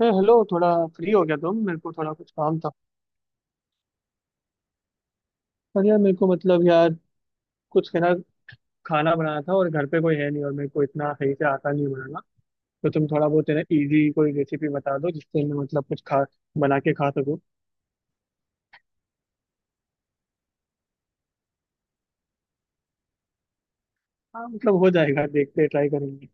अरे हेलो, थोड़ा फ्री हो गया? तुम मेरे को थोड़ा कुछ काम था। पर यार, मेरे को मतलब यार, कुछ है ना, खाना बनाना था और घर पे कोई है नहीं और मेरे को इतना सही से आता नहीं बनाना। तो तुम थोड़ा बहुत है ना, इजी कोई रेसिपी बता दो जिससे मैं मतलब कुछ खा बना के खा सकूँ। हाँ, मतलब हो जाएगा, देखते ट्राई करेंगे।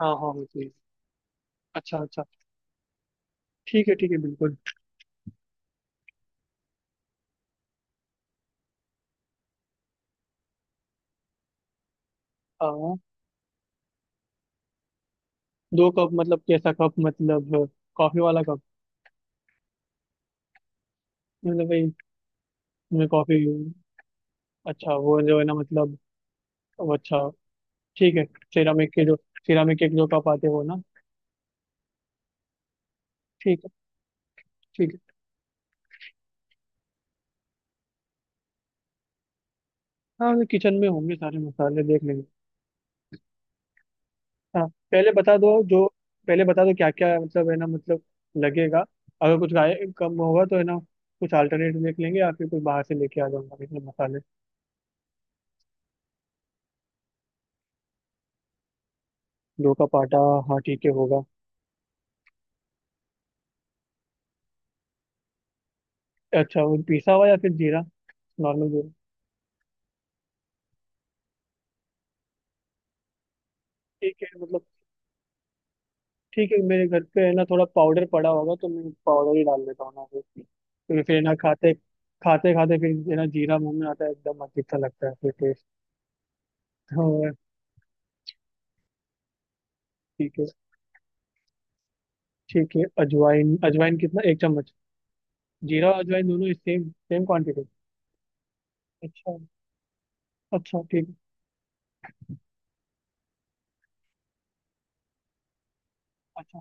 हाँ हाँ, वो चीज़। अच्छा अच्छा, ठीक है ठीक है, बिल्कुल। आ, दो कप मतलब कैसा कप? मतलब कॉफी वाला कप? मतलब भाई मैं कॉफी, अच्छा वो जो है ना, मतलब वो, अच्छा ठीक है। सिरामिक के जो सिरामिक के जो कप आते हैं वो ना। ठीक है। ठीक है। हाँ, वो किचन में होंगे, सारे मसाले देख लेंगे। हाँ, पहले बता दो जो, पहले बता दो क्या क्या मतलब है ना, मतलब लगेगा। अगर कुछ गाय कम होगा तो है ना, कुछ अल्टरनेट देख लेंगे या फिर कुछ बाहर से लेके आ जाऊंगा इसमें मसाले। दो का पाटा, हाँ ठीक है होगा। अच्छा वो पिसा हुआ या फिर जीरा, नॉर्मल जीरा? ठीक है मतलब। ठीक है, मेरे घर पे है ना, थोड़ा पाउडर पड़ा होगा तो मैं पाउडर ही डाल देता हूँ ना, फिर, क्योंकि फिर है ना, खाते खाते खाते फिर है ना, जीरा मुंह में आता है, एकदम अजीब सा लगता है फिर टेस्ट। तो ठीक है। ठीक है, अजवाइन अजवाइन कितना? एक चम्मच? जीरा और अजवाइन दोनों सेम सेम क्वांटिटी? अच्छा, अच्छा ठीक है। अच्छा,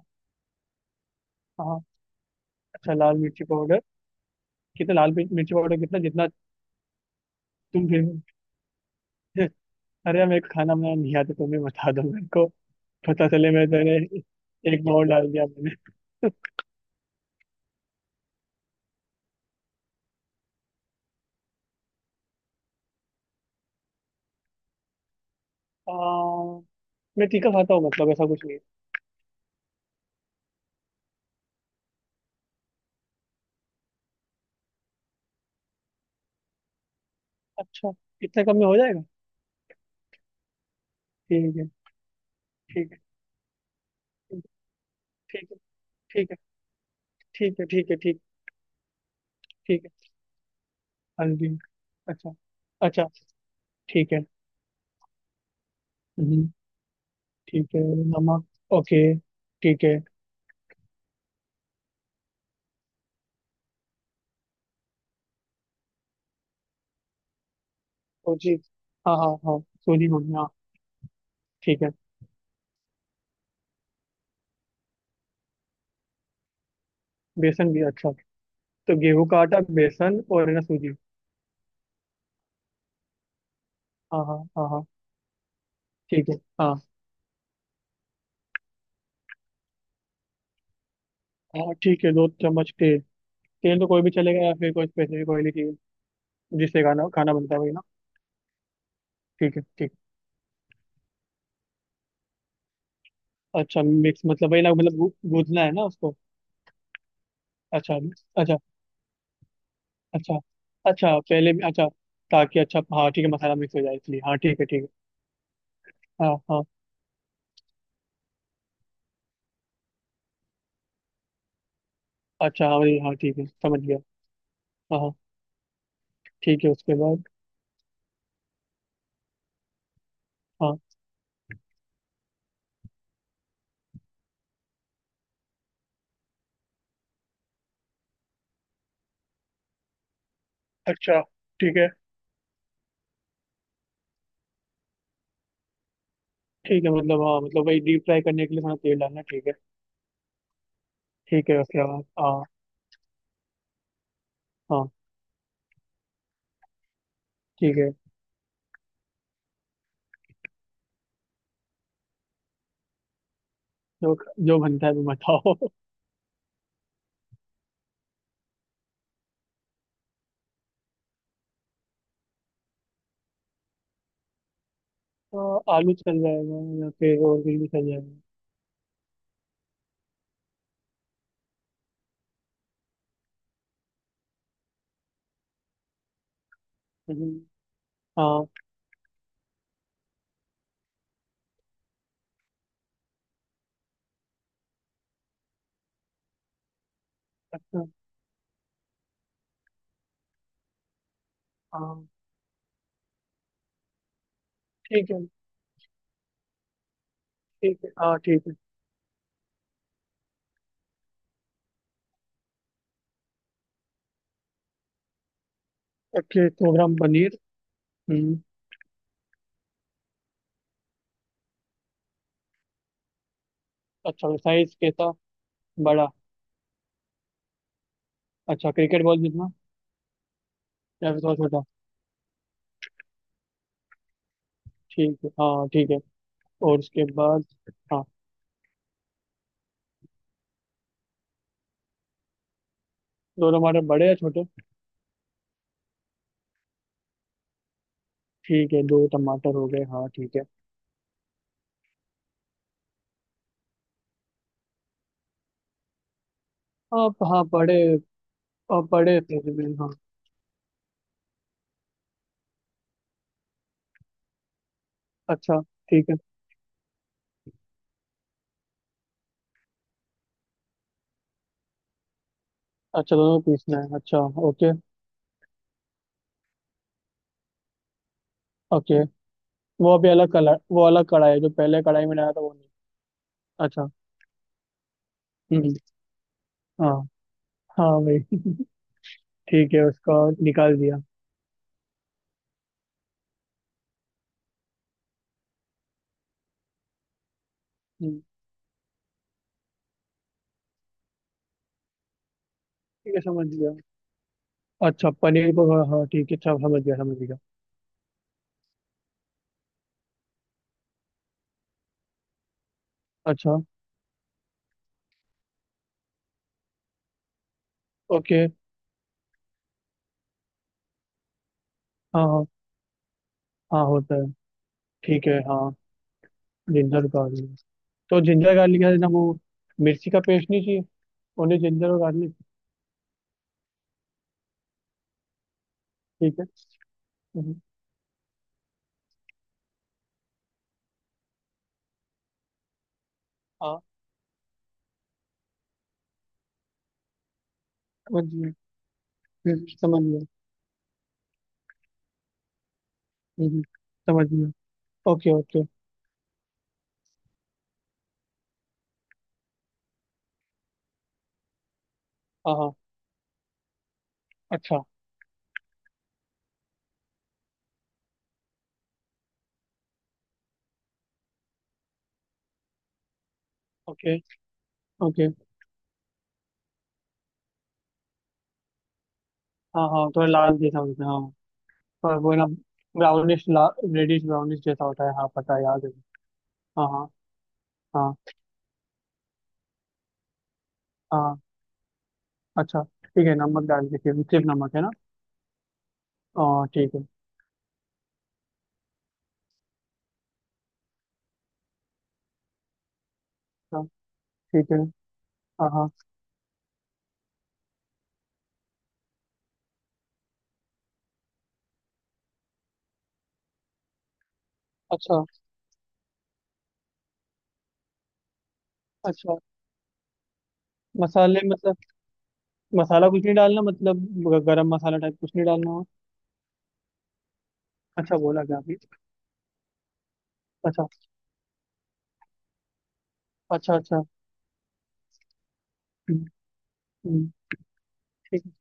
हाँ। अच्छा लाल मिर्ची पाउडर कितना? मिर्ची पाउडर कितना? जितना तुम फिर। अरे यार, मेरे को खाना बनाना नहीं आता, तुम्हें बता दो मेरे को, पता चले मैं तेरे एक पाव डाल दिया मैंने। आ, मैं तीखा खाता हूँ, मतलब ऐसा कुछ नहीं। अच्छा, इतने कम में हो जाएगा? ठीक है। ठीक है ठीक है ठीक है। ठीक है ठीक है ठीक है ठीक है। ठीक है। हल्दी। अच्छा, अच्छा। ठीक है। हम्म। ठीक है। नमक, ओके, ठीक है। सूजी, हाँ हाँ हाँ सूजी बोलिए हाँ। ठीक है। बेसन भी, अच्छा। तो गेहूं का आटा, बेसन और है ना, सूजी। हाँ हाँ हाँ हाँ। ठीक है। हाँ। हाँ, ठीक है, दो चम्मच तेल। तेल तो कोई भी चलेगा या फिर कोई स्पेसिफिक ऑयल चाहिए? जिससे खाना खाना बनता है वही ना? ठीक है, ठीक। अच्छा मिक्स मतलब वही ना, मतलब गूंथना है ना उसको? अच्छा। अच्छा। अच्छा, अच्छा, पहले भी, अच्छा। ताकि, अच्छा हाँ ठीक है, मसाला मिक्स हो जाए इसलिए, हाँ ठीक है ठीक है। हाँ हाँ। अच्छा हाँ, वही, हाँ ठीक है, समझ गया। हाँ हाँ। ठीक है, उसके बाद। हाँ, अच्छा। ठीक है। ठीक है मतलब, हाँ मतलब वही, डीप फ्राई करने के लिए थोड़ा तेल डालना, ठीक है। ठीक है उसके बाद, हाँ। हाँ, ठीक है। जो, जो बनता है वो बताओ। हाँ, आलू चल जाएगा या फिर और कुछ भी चल जाएगा। हम्म, हाँ। अच्छा, हाँ। ठीक है, ठीक है, हाँ ठीक है। ओके, सौ ग्राम पनीर। हम्म। अच्छा, साइज कैसा? बड़ा? अच्छा क्रिकेट बॉल जितना या फिर थोड़ा छोटा? ठीक है, हाँ ठीक है। और उसके बाद? हाँ। दो टमाटर, बड़े या छोटे? ठीक है, दो टमाटर हो गए, हाँ ठीक है। आप हाँ, बड़े। आप बड़े थे जमीन हाँ। अच्छा, ठीक है। अच्छा, दोनों को पीसना है? अच्छा, ओके। ओके। वो अभी अलग कलर, वो अलग कढ़ाई है? जो पहले कढ़ाई में लाया था वो नहीं? अच्छा। हम्म। हाँ। हाँ भाई। ठीक है, उसका निकाल दिया। हम्म। ठीक है, समझ गया। अच्छा पनीर को, हाँ हाँ, ठीक है, अच्छा समझ गया समझ गया। अच्छा, ओके। हाँ हाँ, हाँ होता है। ठीक है, हाँ। जिंजर गार्लिक, तो जिंजर गार्लिक है ना वो, मिर्ची का पेस्ट नहीं चाहिए? ओनली जिंजर और गार्लिक? ठीक है। हम्म, हाँ, समझ गया। समझ गया। हम्म, समझ गया। Okay okay. हाँ हाँ। अच्छा। Okay okay. हाँ हाँ, थोड़ा लाल जैसा होता है हाँ। पर वो ना ब्राउनिश, रेडिश ब्राउनिश जैसा होता है, हाँ पता है, याद है। हाँ हाँ। हाँ हाँ। अच्छा ठीक है, नमक डाल दीजिए, सिर्फ नमक है ना? हाँ ठीक है। हाँ। ठीक है। हाँ हाँ। अच्छा, अच्छा। मसाले मतलब, मसाला कुछ नहीं डालना, मतलब गरम मसाला टाइप कुछ नहीं डालना हो? अच्छा बोला क्या अभी? अच्छा। अच्छा, अच्छा। हम्म, हम्म, ठीक है।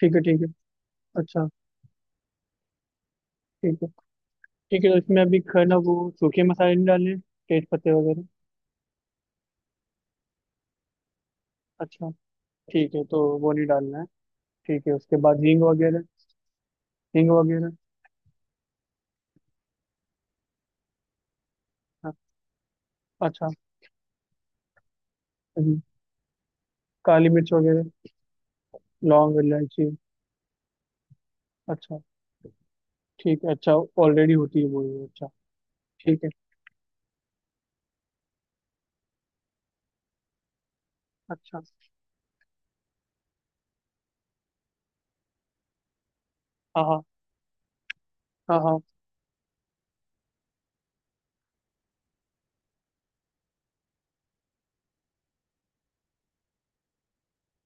ठीक है ठीक है। अच्छा। ठीक है। ठीक है, तो इसमें अभी खाना वो सूखे मसाले नहीं डालने, तेज पत्ते वगैरह? अच्छा, ठीक है, तो वो नहीं डालना है। ठीक है, उसके बाद हींग वगैरह? हींग वगैरह। हाँ, अच्छा। हम्म, काली मिर्च वगैरह, लौंग इलायची? अच्छा, ठीक है, अच्छा। ऑलरेडी होती है वो ही, अच्छा। ठीक है। अच्छा। हाँ हाँ। हाँ हाँ।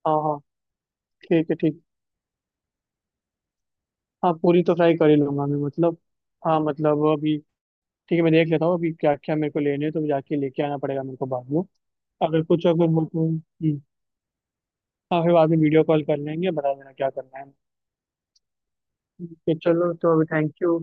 हाँ हाँ। ठीक है, ठीक। हाँ पूरी तो फ्राई कर ही लूंगा मैं, मतलब हाँ मतलब अभी। ठीक है, मैं देख लेता हूँ अभी क्या क्या मेरे को लेने हैं, तो जाके लेके आना पड़ेगा मेरे को बाद में। अगर कुछ, अगर हो तो, हाँ, फिर बाद में वीडियो कॉल कर लेंगे, बता देना क्या करना है। ठीक है, चलो तो अभी, थैंक यू।